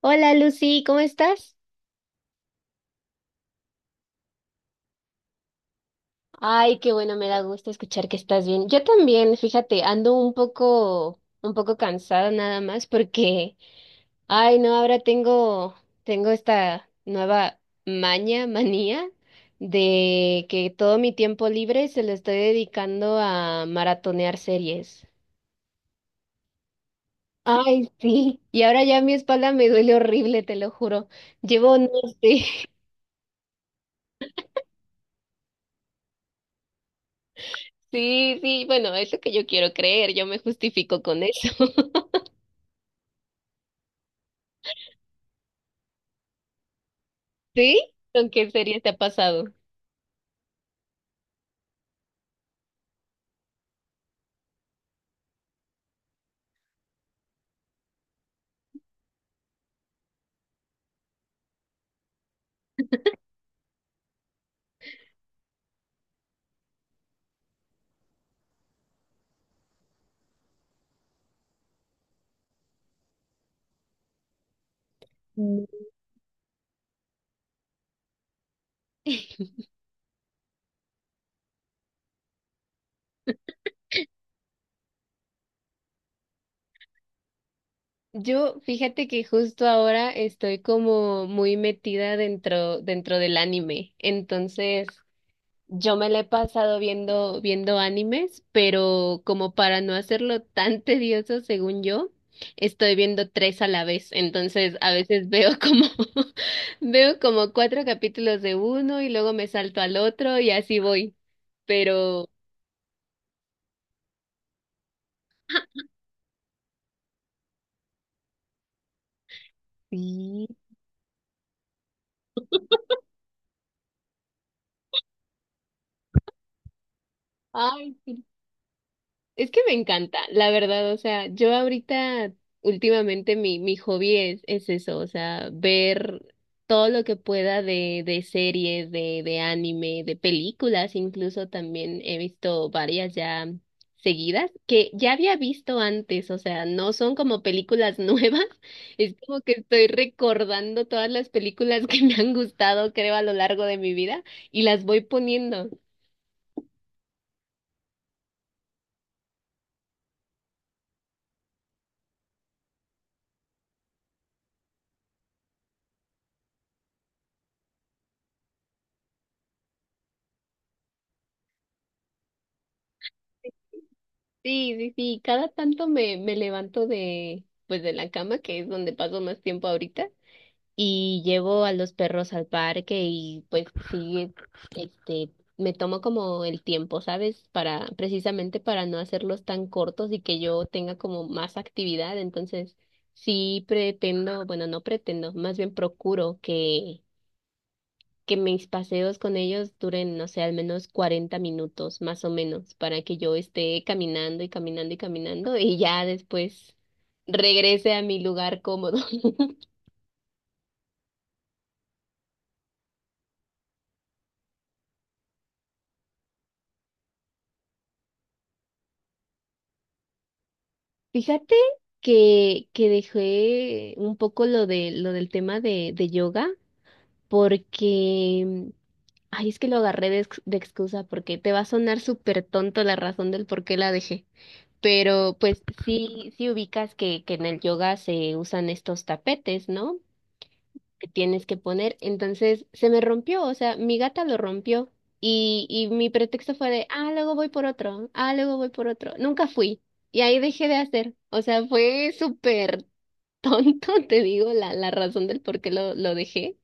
Hola Lucy, ¿cómo estás? Ay, qué bueno, me da gusto escuchar que estás bien. Yo también, fíjate, ando un poco cansada nada más porque, ay, no, tengo esta nueva manía de que todo mi tiempo libre se lo estoy dedicando a maratonear series. Ay, sí. Y ahora ya mi espalda me duele horrible, te lo juro. Llevo, no sé. Sí, sí, bueno, es lo que yo quiero creer, yo me justifico con eso. ¿Sí? ¿Con qué serie te ha pasado? No. Yo, fíjate que justo ahora estoy como muy metida dentro del anime. Entonces, yo me la he pasado viendo animes, pero como para no hacerlo tan tedioso, según yo, estoy viendo tres a la vez. Entonces, a veces veo como, veo como cuatro capítulos de uno y luego me salto al otro y así voy. Pero, sí. Ay, sí. Es que me encanta, la verdad, o sea, yo ahorita, últimamente mi hobby es eso, o sea, ver todo lo que pueda de series, de anime, de películas, incluso también he visto varias ya seguidas que ya había visto antes, o sea, no son como películas nuevas, es como que estoy recordando todas las películas que me han gustado, creo, a lo largo de mi vida y las voy poniendo. Sí, sí, sí, cada tanto me levanto de, pues de la cama, que es donde paso más tiempo ahorita, y llevo a los perros al parque y pues sí, este, me tomo como el tiempo, ¿sabes? Para, precisamente para no hacerlos tan cortos y que yo tenga como más actividad, entonces sí pretendo, bueno, no pretendo, más bien procuro que mis paseos con ellos duren, no sé, al menos 40 minutos, más o menos, para que yo esté caminando y caminando y caminando y ya después regrese a mi lugar cómodo. Fíjate que dejé un poco lo de lo del tema de yoga porque ay, es que lo agarré de, de excusa porque te va a sonar súper tonto la razón del por qué la dejé. Pero pues sí, sí ubicas que en el yoga se usan estos tapetes, ¿no? Que tienes que poner. Entonces se me rompió, o sea, mi gata lo rompió y mi pretexto fue de, ah, luego voy por otro, ah, luego voy por otro. Nunca fui y ahí dejé de hacer, o sea, fue súper tonto, te digo, la razón del por qué lo dejé.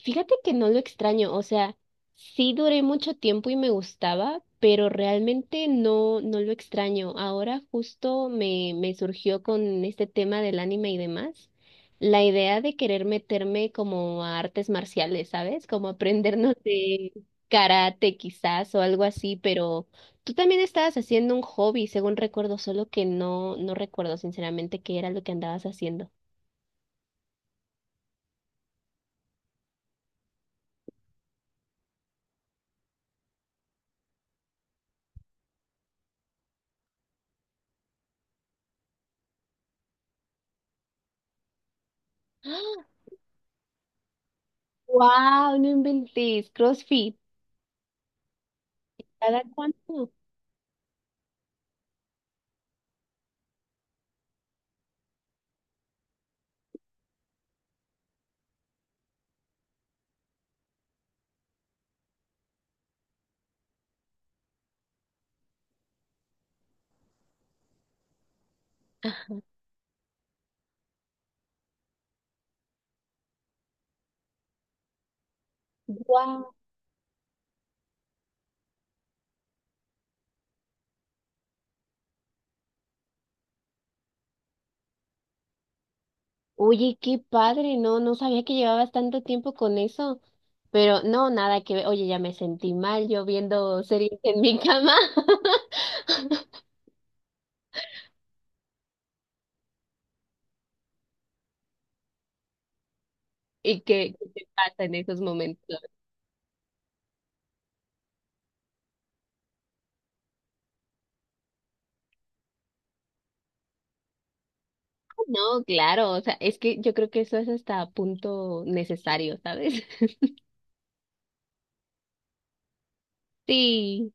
Fíjate que no lo extraño, o sea, sí duré mucho tiempo y me gustaba, pero realmente no, no lo extraño. Ahora justo me surgió con este tema del anime y demás, la idea de querer meterme como a artes marciales, ¿sabes? Como aprendernos de karate quizás o algo así, pero tú también estabas haciendo un hobby, según recuerdo, solo que no, no recuerdo sinceramente qué era lo que andabas haciendo. ¡Wow! No inventes, CrossFit. ¿Cada cuánto? ¡Guau! Oye, qué padre, no, no sabía que llevabas tanto tiempo con eso. Pero no, nada que ver. Oye, ya me sentí mal yo viendo series en mi cama. ¿Y qué, qué te pasa en esos momentos? No, claro, o sea, es que yo creo que eso es hasta punto necesario, ¿sabes? Sí,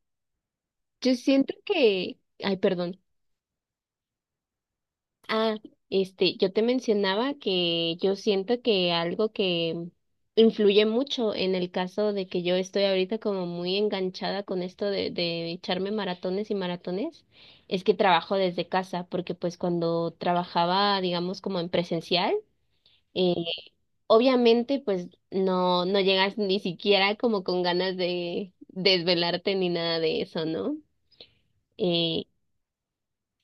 yo siento que, ay, perdón. Ah, este, yo te mencionaba que yo siento que algo que influye mucho en el caso de que yo estoy ahorita como muy enganchada con esto de echarme maratones y maratones, es que trabajo desde casa, porque pues cuando trabajaba, digamos, como en presencial, eh, obviamente pues no, no llegas ni siquiera como con ganas de desvelarte ni nada de eso, ¿no? Eh,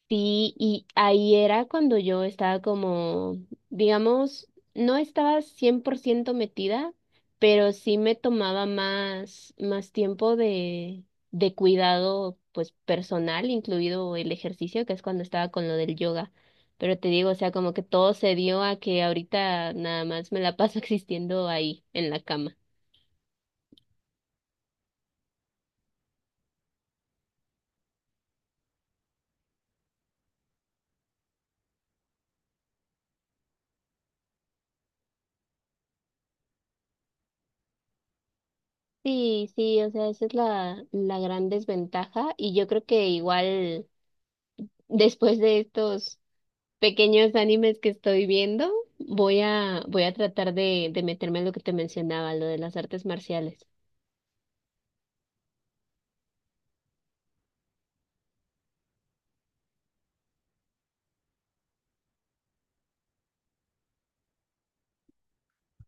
Sí, y ahí era cuando yo estaba como, digamos, no estaba 100% metida, pero sí me tomaba más tiempo de cuidado, pues personal, incluido el ejercicio, que es cuando estaba con lo del yoga. Pero te digo, o sea, como que todo se dio a que ahorita nada más me la paso existiendo ahí, en la cama. Sí, sí, o sea, esa es la gran desventaja y yo creo que igual después de estos pequeños animes que estoy viendo, voy a tratar de meterme en lo que te mencionaba, lo de las artes marciales.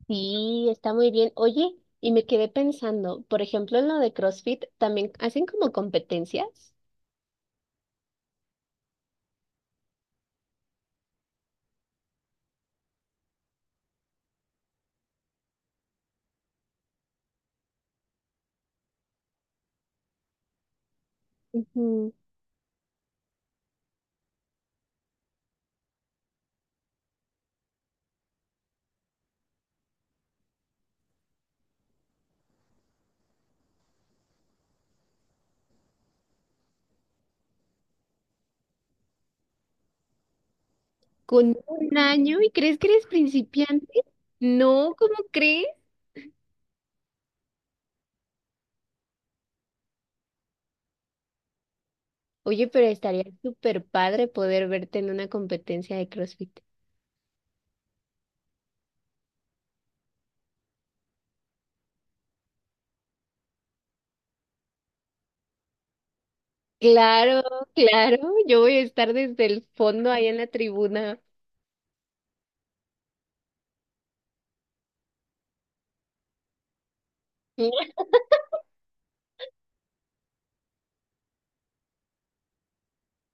Sí, está muy bien. Oye, y me quedé pensando, por ejemplo, en lo de CrossFit, también hacen como competencias. Ujú. Con un año y crees que eres principiante. No, ¿cómo crees? Oye, pero estaría súper padre poder verte en una competencia de CrossFit. Claro, claro, yo voy a estar desde el fondo ahí en la tribuna.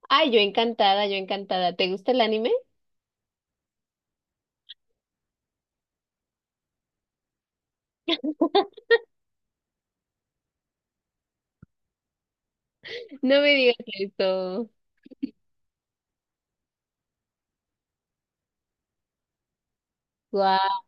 Ay, yo encantada, yo encantada. ¿Te gusta el anime? No me digas esto. Guau.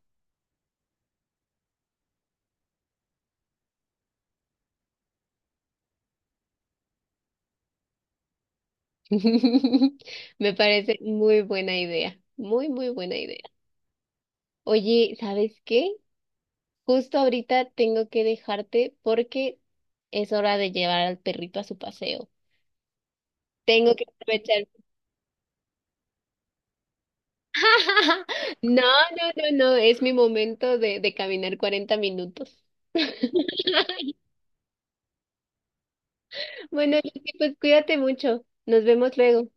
Me parece muy buena idea. Muy, muy buena idea. Oye, ¿sabes qué? Justo ahorita tengo que dejarte porque es hora de llevar al perrito a su paseo. Tengo que aprovechar. No, no, no, no. Es mi momento de caminar 40 minutos. Bueno, Lucy, pues cuídate mucho. Nos vemos luego.